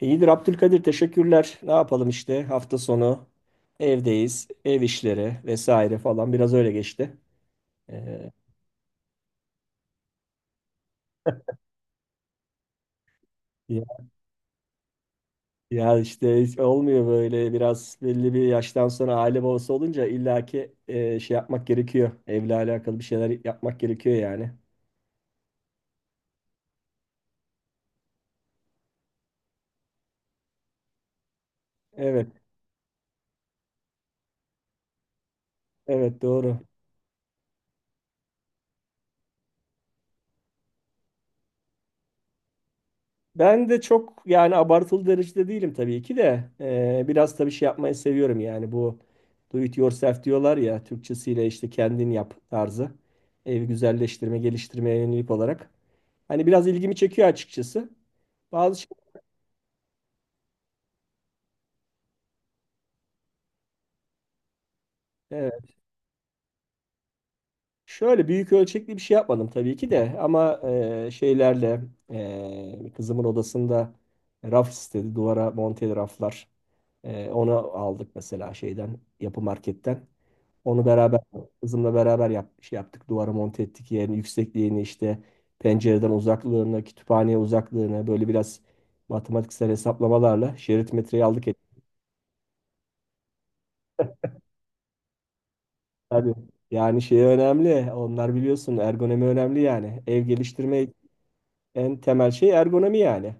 İyidir Abdülkadir, teşekkürler. Ne yapalım işte, hafta sonu evdeyiz. Ev işleri vesaire falan, biraz öyle geçti. Ee, ya, ya işte, hiç olmuyor böyle. Biraz belli bir yaştan sonra aile babası olunca illaki şey yapmak gerekiyor. Evle alakalı bir şeyler yapmak gerekiyor yani. Evet, evet, doğru. Ben de çok, yani abartılı derecede değilim tabii ki de. Biraz tabii şey yapmayı seviyorum yani. Bu do it yourself diyorlar ya, Türkçesiyle işte kendin yap tarzı, evi güzelleştirme geliştirmeye yönelik olarak hani biraz ilgimi çekiyor açıkçası. Bazı şey, evet. Şöyle büyük ölçekli bir şey yapmadım tabii ki de, ama şeylerle, kızımın odasında raf istedi, duvara monteli raflar. Onu aldık mesela şeyden, yapı marketten. Onu beraber, kızımla beraber şey yaptık. Duvara monte ettik, yerini, yüksekliğini, işte pencereden uzaklığını, kütüphaneye uzaklığını böyle biraz matematiksel hesaplamalarla, şerit metreyi aldık ettik. Tabii. Yani şey önemli. Onlar, biliyorsun, ergonomi önemli yani. Ev geliştirme en temel şey ergonomi yani.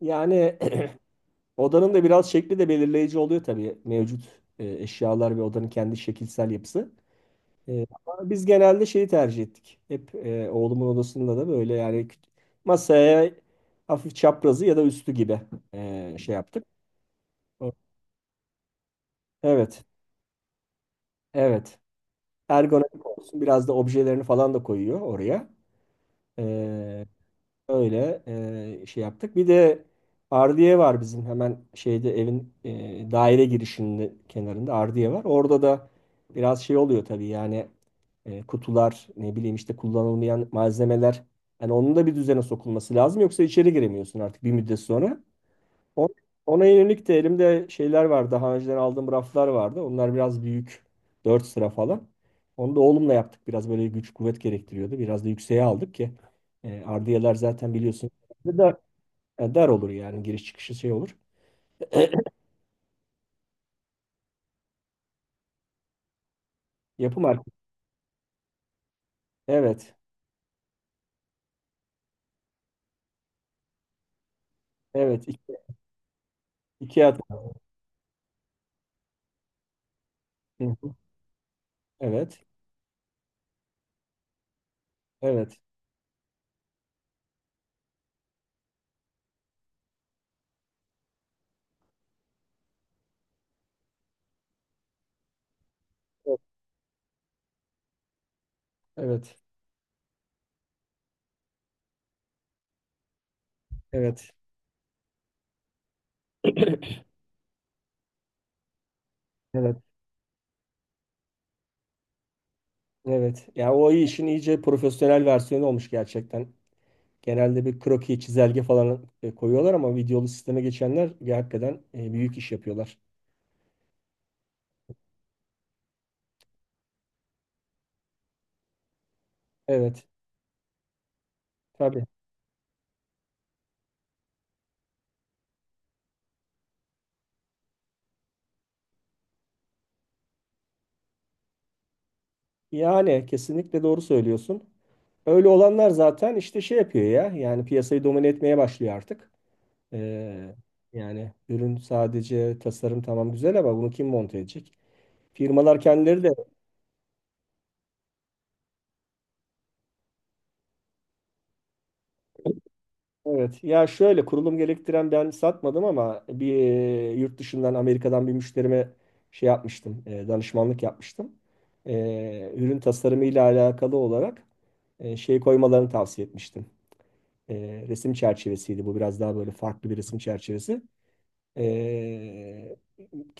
Yani odanın da biraz şekli de belirleyici oluyor tabii, mevcut eşyalar ve odanın kendi şekilsel yapısı. Ama biz genelde şeyi tercih ettik. Hep, oğlumun odasında da böyle yani, masaya hafif çaprazı ya da üstü gibi şey yaptık. O- Evet, evet. Ergonomik olsun, biraz da objelerini falan da koyuyor oraya. Ee, Öyle şey yaptık. Bir de ardiye var bizim hemen şeyde, evin, daire girişinin kenarında ardiye var. Orada da biraz şey oluyor tabii yani, kutular, ne bileyim işte, kullanılmayan malzemeler. Yani onun da bir düzene sokulması lazım, yoksa içeri giremiyorsun artık bir müddet sonra. O- Ona yönelik de elimde şeyler var. Daha önceden aldığım raflar vardı. Onlar biraz büyük, 4 sıra falan. Onu da oğlumla yaptık. Biraz böyle güç kuvvet gerektiriyordu. Biraz da yükseğe aldık ki ardiyeler zaten biliyorsun dar, dar olur yani, giriş çıkışı şey olur. Yapım arkası. Evet. Evet. İki at. Hı hı. Evet. Evet. Evet. Evet. Evet. Evet. Ya, o işin iyice profesyonel versiyonu olmuş gerçekten. Genelde bir kroki, çizelge falan koyuyorlar, ama videolu sisteme geçenler hakikaten büyük iş yapıyorlar. Evet, tabii. Yani kesinlikle doğru söylüyorsun. Öyle olanlar zaten işte şey yapıyor ya. Yani piyasayı domine etmeye başlıyor artık. Ee, Yani ürün, sadece tasarım tamam güzel, ama bunu kim monte edecek? Firmalar kendileri de. Evet. Ya şöyle, kurulum gerektiren ben satmadım, ama bir yurt dışından, Amerika'dan bir müşterime şey yapmıştım. Danışmanlık yapmıştım. E, Ürün tasarımı ile alakalı olarak şey koymalarını tavsiye etmiştim. E, Resim çerçevesiydi. Bu biraz daha böyle farklı bir resim çerçevesi. E,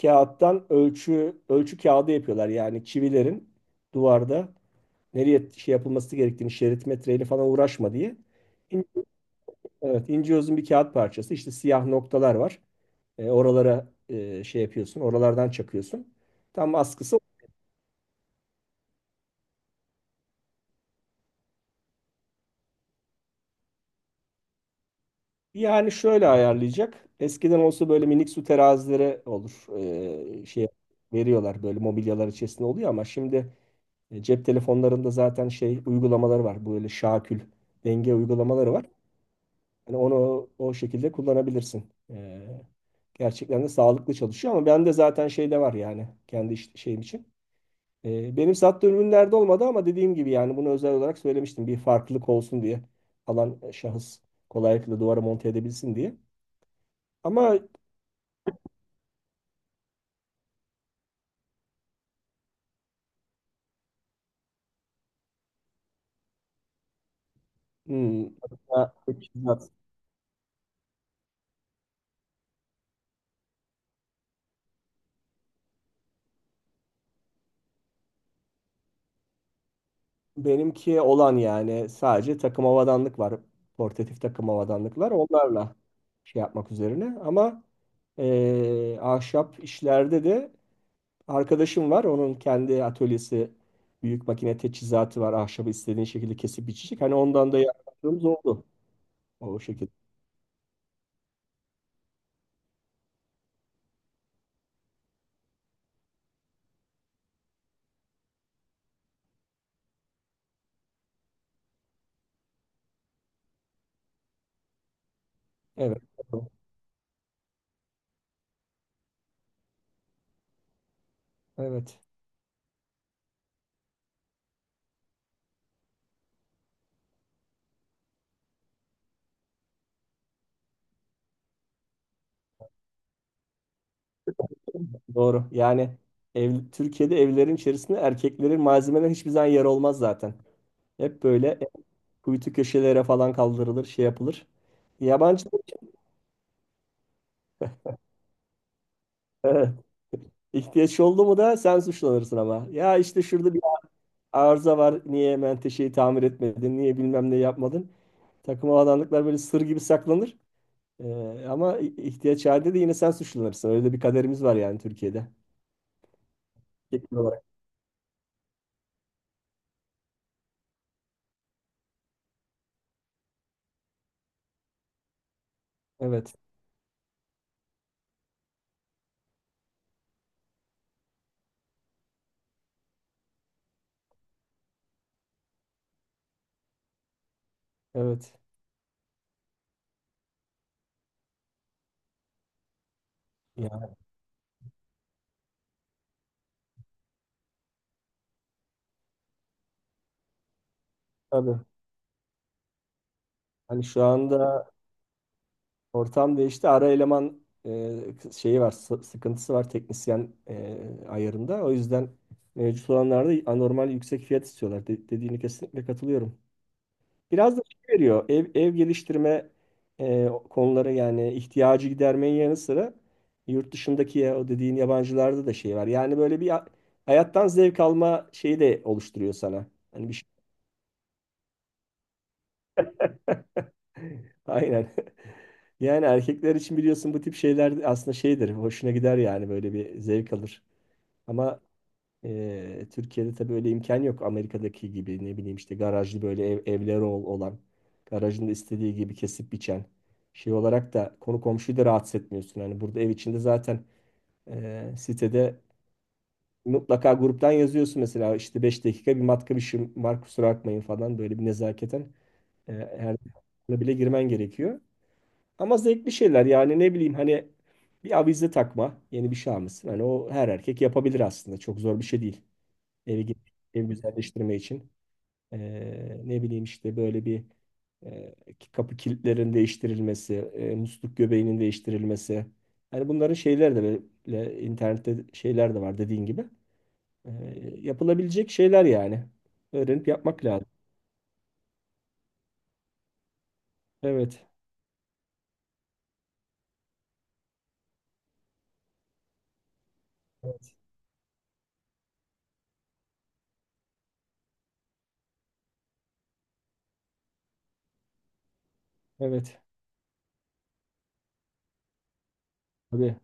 Kağıttan ölçü kağıdı yapıyorlar. Yani çivilerin duvarda nereye şey yapılması gerektiğini, şerit metreyle falan uğraşma diye. Evet, ince uzun bir kağıt parçası. İşte siyah noktalar var. Oralara şey yapıyorsun, oralardan çakıyorsun. Tam askısı. Yani şöyle ayarlayacak. Eskiden olsa böyle minik su terazileri olur. Şey veriyorlar, böyle mobilyalar içerisinde oluyor, ama şimdi cep telefonlarında zaten şey uygulamaları var. Böyle şakül, denge uygulamaları var. Hani onu o şekilde kullanabilirsin. E, Gerçekten de sağlıklı çalışıyor, ama ben de zaten şeyde var yani, kendi şeyim için. Benim sattığım ürünlerde olmadı, ama dediğim gibi yani bunu özel olarak söylemiştim. Bir farklılık olsun diye, alan şahıs kolaylıkla duvara monte edebilsin diye. Ama hmm, ya, teçhizat. Benimki olan, yani sadece takım havadanlık var. Portatif takım havadanlıklar, onlarla şey yapmak üzerine. Ama ahşap işlerde de arkadaşım var. Onun kendi atölyesi, büyük makine teçhizatı var. Ahşabı istediğin şekilde kesip biçecek. Hani ondan da yardımcımız oldu. O şekilde. Evet. Evet. Doğru. Yani ev, Türkiye'de evlerin içerisinde erkeklerin malzemeler hiçbir zaman yer olmaz zaten. Hep böyle kuytu köşelere falan kaldırılır, şey yapılır. Yabancı Evet. ihtiyaç oldu mu da sen suçlanırsın ama. Ya işte şurada bir arıza var, niye menteşeyi tamir etmedin, niye bilmem ne yapmadın? Takım alanlıklar böyle sır gibi saklanır. Ama ihtiyaç halinde de yine sen suçlanırsın. Öyle de bir kaderimiz var yani Türkiye'de. Erkekler olarak. Evet. Evet. Ya, tabii. Hani şu anda ortam değişti. Ara eleman şeyi var, sıkıntısı var, teknisyen ayarında. O yüzden mevcut olanlarda anormal yüksek fiyat istiyorlar. Dediğine kesinlikle katılıyorum. Biraz da şey veriyor. Ev, ev geliştirme konuları, yani ihtiyacı gidermenin yanı sıra yurt dışındaki, ya, o dediğin yabancılarda da şey var. Yani böyle bir hayattan zevk alma şeyi de oluşturuyor sana. Hani bir şey. Aynen. Yani erkekler için, biliyorsun, bu tip şeyler aslında şeydir, hoşuna gider yani, böyle bir zevk alır. Ama Türkiye'de tabii öyle imkan yok. Amerika'daki gibi, ne bileyim işte, garajlı böyle evleri olan, garajında istediği gibi kesip biçen, şey olarak da konu komşuyu da rahatsız etmiyorsun. Hani burada ev içinde zaten, sitede mutlaka gruptan yazıyorsun mesela, işte 5 dakika bir matka, bir şey var, kusura bakmayın falan, böyle bir nezaketen e, her bile girmen gerekiyor. Ama zevkli şeyler yani, ne bileyim hani, bir avize takma, yeni bir şey almışsın. Hani o her erkek yapabilir, aslında çok zor bir şey değil. Evi, gü- Evi güzelleştirme için. Ee, Ne bileyim işte, böyle bir e, kapı kilitlerin değiştirilmesi, musluk göbeğinin değiştirilmesi. Hani bunların şeyler de, böyle internette şeyler de var, dediğin gibi. Ee, Yapılabilecek şeyler yani. Öğrenip yapmak lazım. Evet. Evet. Evet. Tabii.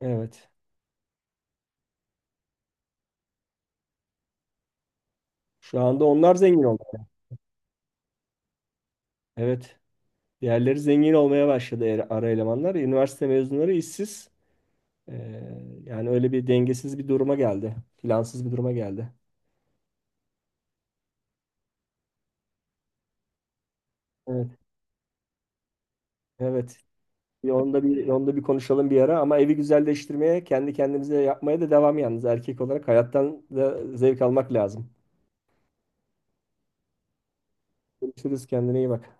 Evet. Şu anda onlar zengin oldu. Evet. Diğerleri zengin olmaya başladı, ara elemanlar. Üniversite mezunları işsiz. Yani öyle bir dengesiz bir duruma geldi. Plansız bir duruma geldi. Evet. Evet. Bir onda bir Onda bir konuşalım bir ara, ama evi güzelleştirmeye, kendi kendimize yapmaya da devam. Yalnız erkek olarak hayattan da zevk almak lazım. Görüşürüz, kendine iyi bak.